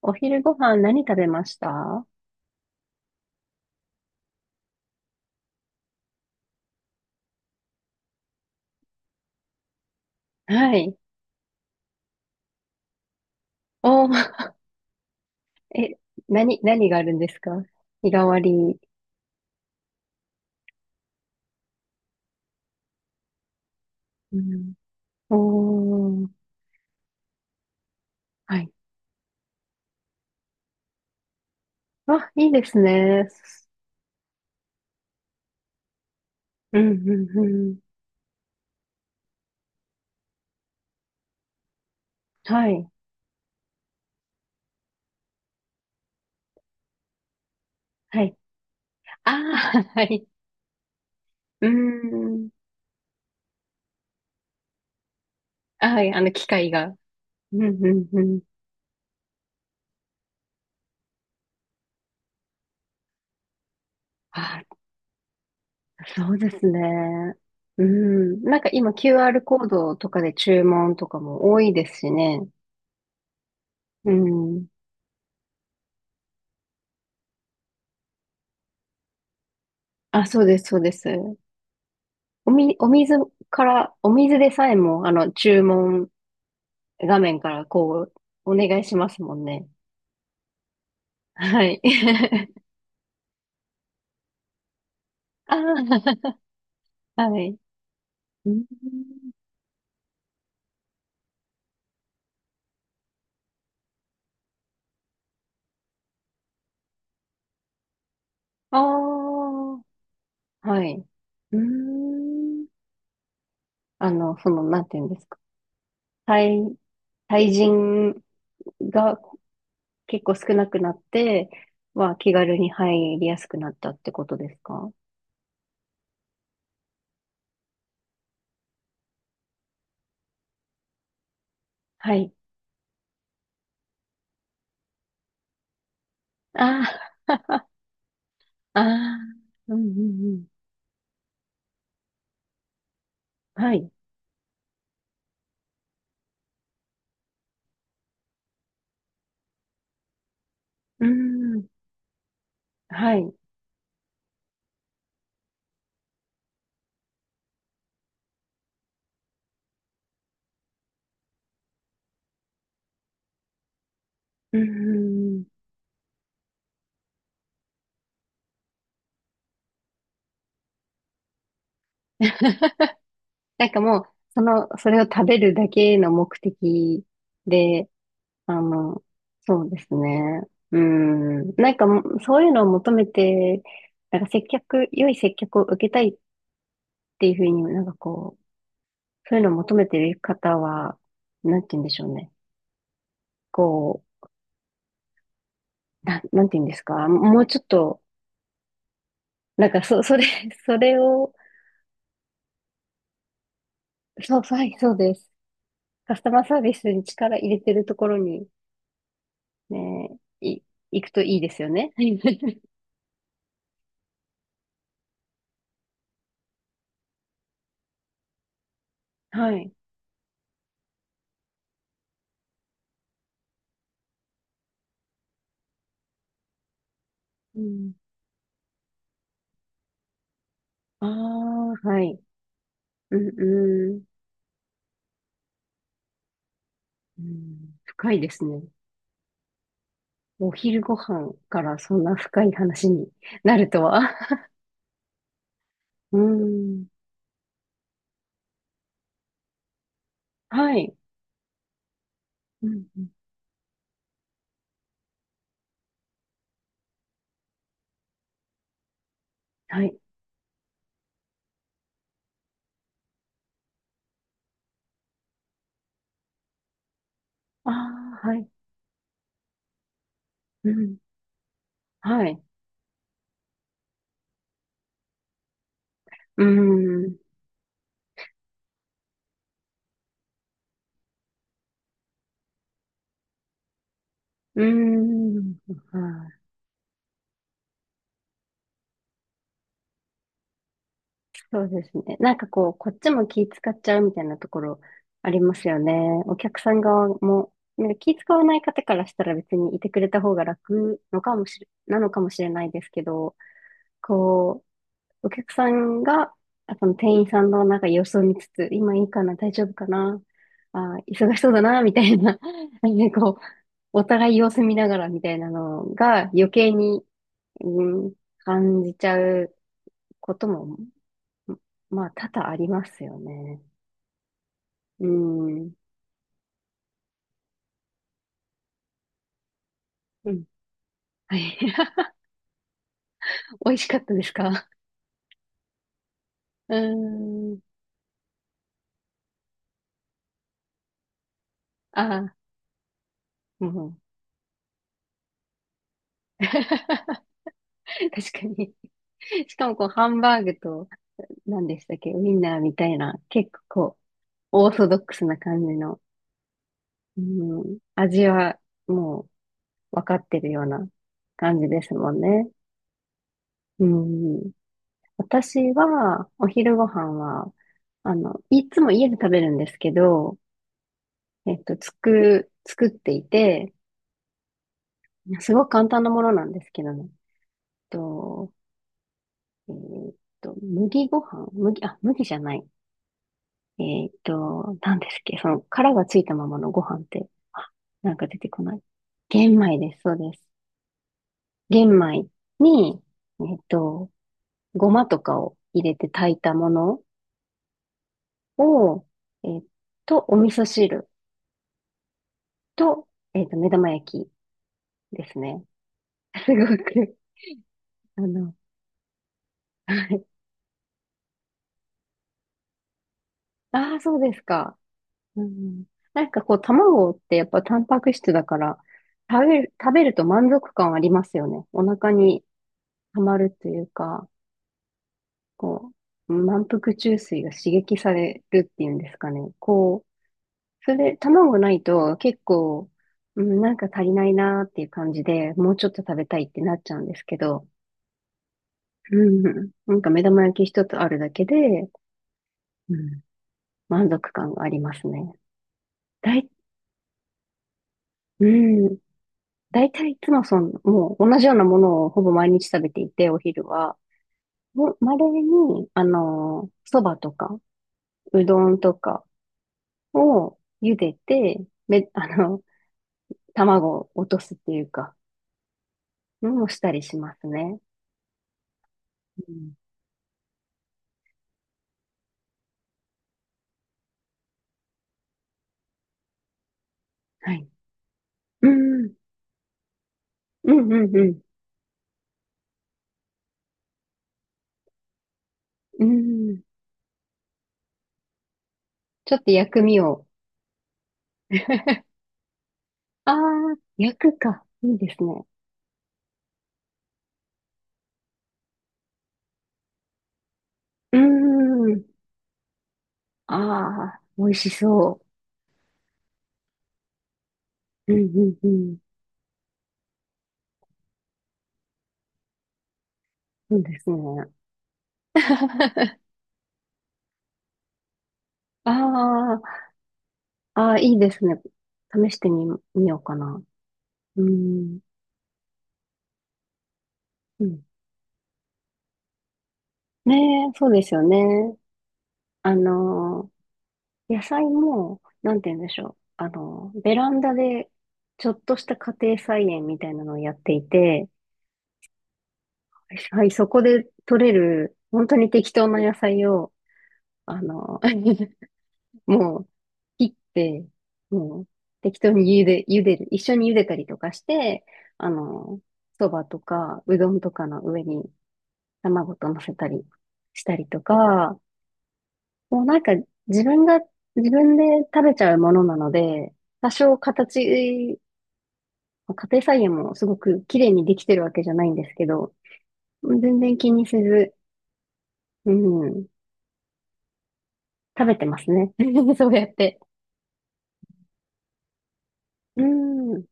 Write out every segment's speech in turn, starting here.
お昼ご飯何食べました？はい。おー、え、何があるんですか？日替わり。うん、おー、はい。あ、いいですね。うん、うん、うん。はい、はい。ああ、はい。うーん。はい、機械が。うん、うん、うん。あー、そうですね。うん。なんか今 QR コードとかで注文とかも多いですしね。うん。あ、そうです、そうです。お水から、お水でさえも、注文画面からこう、お願いしますもんね。はい。ああ、はい。うんああ、はい。うーん。なんていうんですか？対、対人が結構少なくなって、気軽に入りやすくなったってことですか？はい。ああ、ああ、うんうんうん。はい。うーん。はい。うーん。なんかもう、それを食べるだけの目的で、あの、そうですね。うん。なんかもう、そういうのを求めて、なんか良い接客を受けたいっていうふうになんかこう、そういうのを求めてる方は、なんて言うんでしょうね。こう、なんて言うんですか？もうちょっと、なんかそれそれを、そう、はい、そうです。カスタマーサービスに力入れてるところに、ねえ、行くといいですよね。はい。うん、ああ、はい。うん、うん、うん。深いですね。お昼ご飯からそんな深い話になるとは。うん。はい。うん、うん。はい。ああ、はい。うん。はい。うん。うん。はい。そうですね。なんかこう、こっちも気使っちゃうみたいなところありますよね。お客さん側も、なんか気使わない方からしたら別にいてくれた方が楽のかもしれ、なのかもしれないですけど、こう、お客さんが、その店員さんのなんか様子を見つつ、今いいかな、大丈夫かな、忙しそうだな、みたいな、なんでこう、お互い様子見ながらみたいなのが余計に、うん、感じちゃうこともま多々ありますよね。うん。うん。はい。美味しかったですか？うーん。ああ、うん。確かに。しかも、こう、ハンバーグと、何でしたっけ、ウインナーみたいな、結構、オーソドックスな感じの、うん、味は、もう、分かってるような感じですもんね。うん。私は、お昼ご飯は、いつも家で食べるんですけど、作っていて、すごく簡単なものなんですけども、と、えーっ麦ご飯麦、あ、麦じゃない。何ですっけその、殻がついたままのご飯って、あ、なんか出てこない。玄米です、そうです。玄米に、えーっと、ごまとかを入れて炊いたものを、えーっお味噌汁と、目玉焼きですね。すごく、あの、はい。ああ、そうですか。うん。なんかこう、卵ってやっぱタンパク質だから、食べると満足感ありますよね。お腹に溜まるというか、こう、満腹中枢が刺激されるっていうんですかね。こう、それで卵ないと結構、うん、なんか足りないなーっていう感じで、もうちょっと食べたいってなっちゃうんですけど、うん、なんか目玉焼き一つあるだけで、うん、満足感がありますね。だい、うん、大体いつもその、もう同じようなものをほぼ毎日食べていて、お昼は。もうに、あの、そばとか、うどんとかを茹でて、卵を落とすっていうか、のをしたりしますね。うん。はい。うん、うん、うん、うん。うん。ちょっと薬味を。ああ、焼くか。いいですね。うーん。ああ、美味しそう。うん、うん、うん。そうですね。あーあー、いいですね。試してみようかな。うん。うん。ねえ、そうですよね。あの野菜も、なんて言うんでしょう。ベランダで、ちょっとした家庭菜園みたいなのをやっていて、はい、そこで取れる、本当に適当な野菜を、あのー、もう、切って、もう、適当に茹でる。一緒に茹でたりとかして、あの、そばとか、うどんとかの上に卵と乗せたりしたりとか、もうなんか自分が、自分で食べちゃうものなので、多少形、家庭菜園もすごく綺麗にできてるわけじゃないんですけど、全然気にせず、うん、食べてますね。そうやって。うん。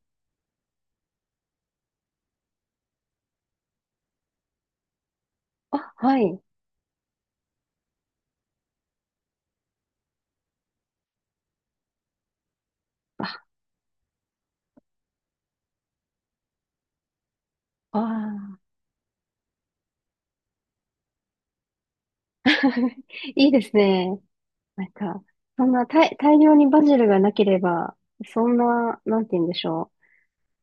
あ、はい。ああ。いいですね。なんか、そんな大量にバジルがなければ、そんな、なんて言うんでしょう。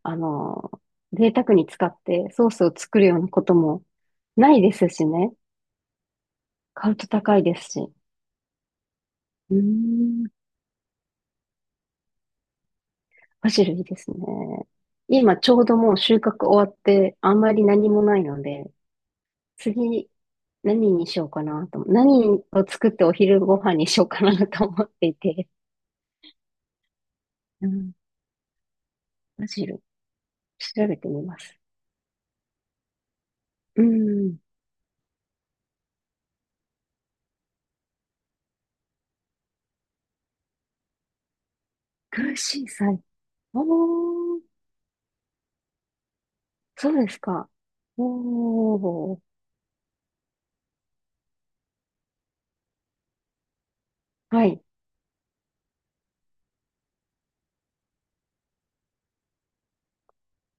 あの、贅沢に使ってソースを作るようなこともないですしね。買うと高いですし。うーん、バジルいいですね。今ちょうどもう収穫終わって、あんまり何もないので、次、何にしようかなと思、何を作ってお昼ご飯にしようかなと思っていて、うん、バジル、調べてみます。うん。空心菜。おー、そうですか。おー、はい、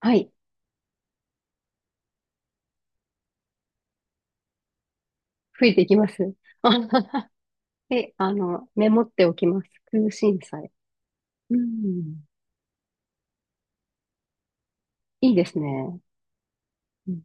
はい。増えていきます。えあの、メモっておきます。空心菜。うん。いいですね。うん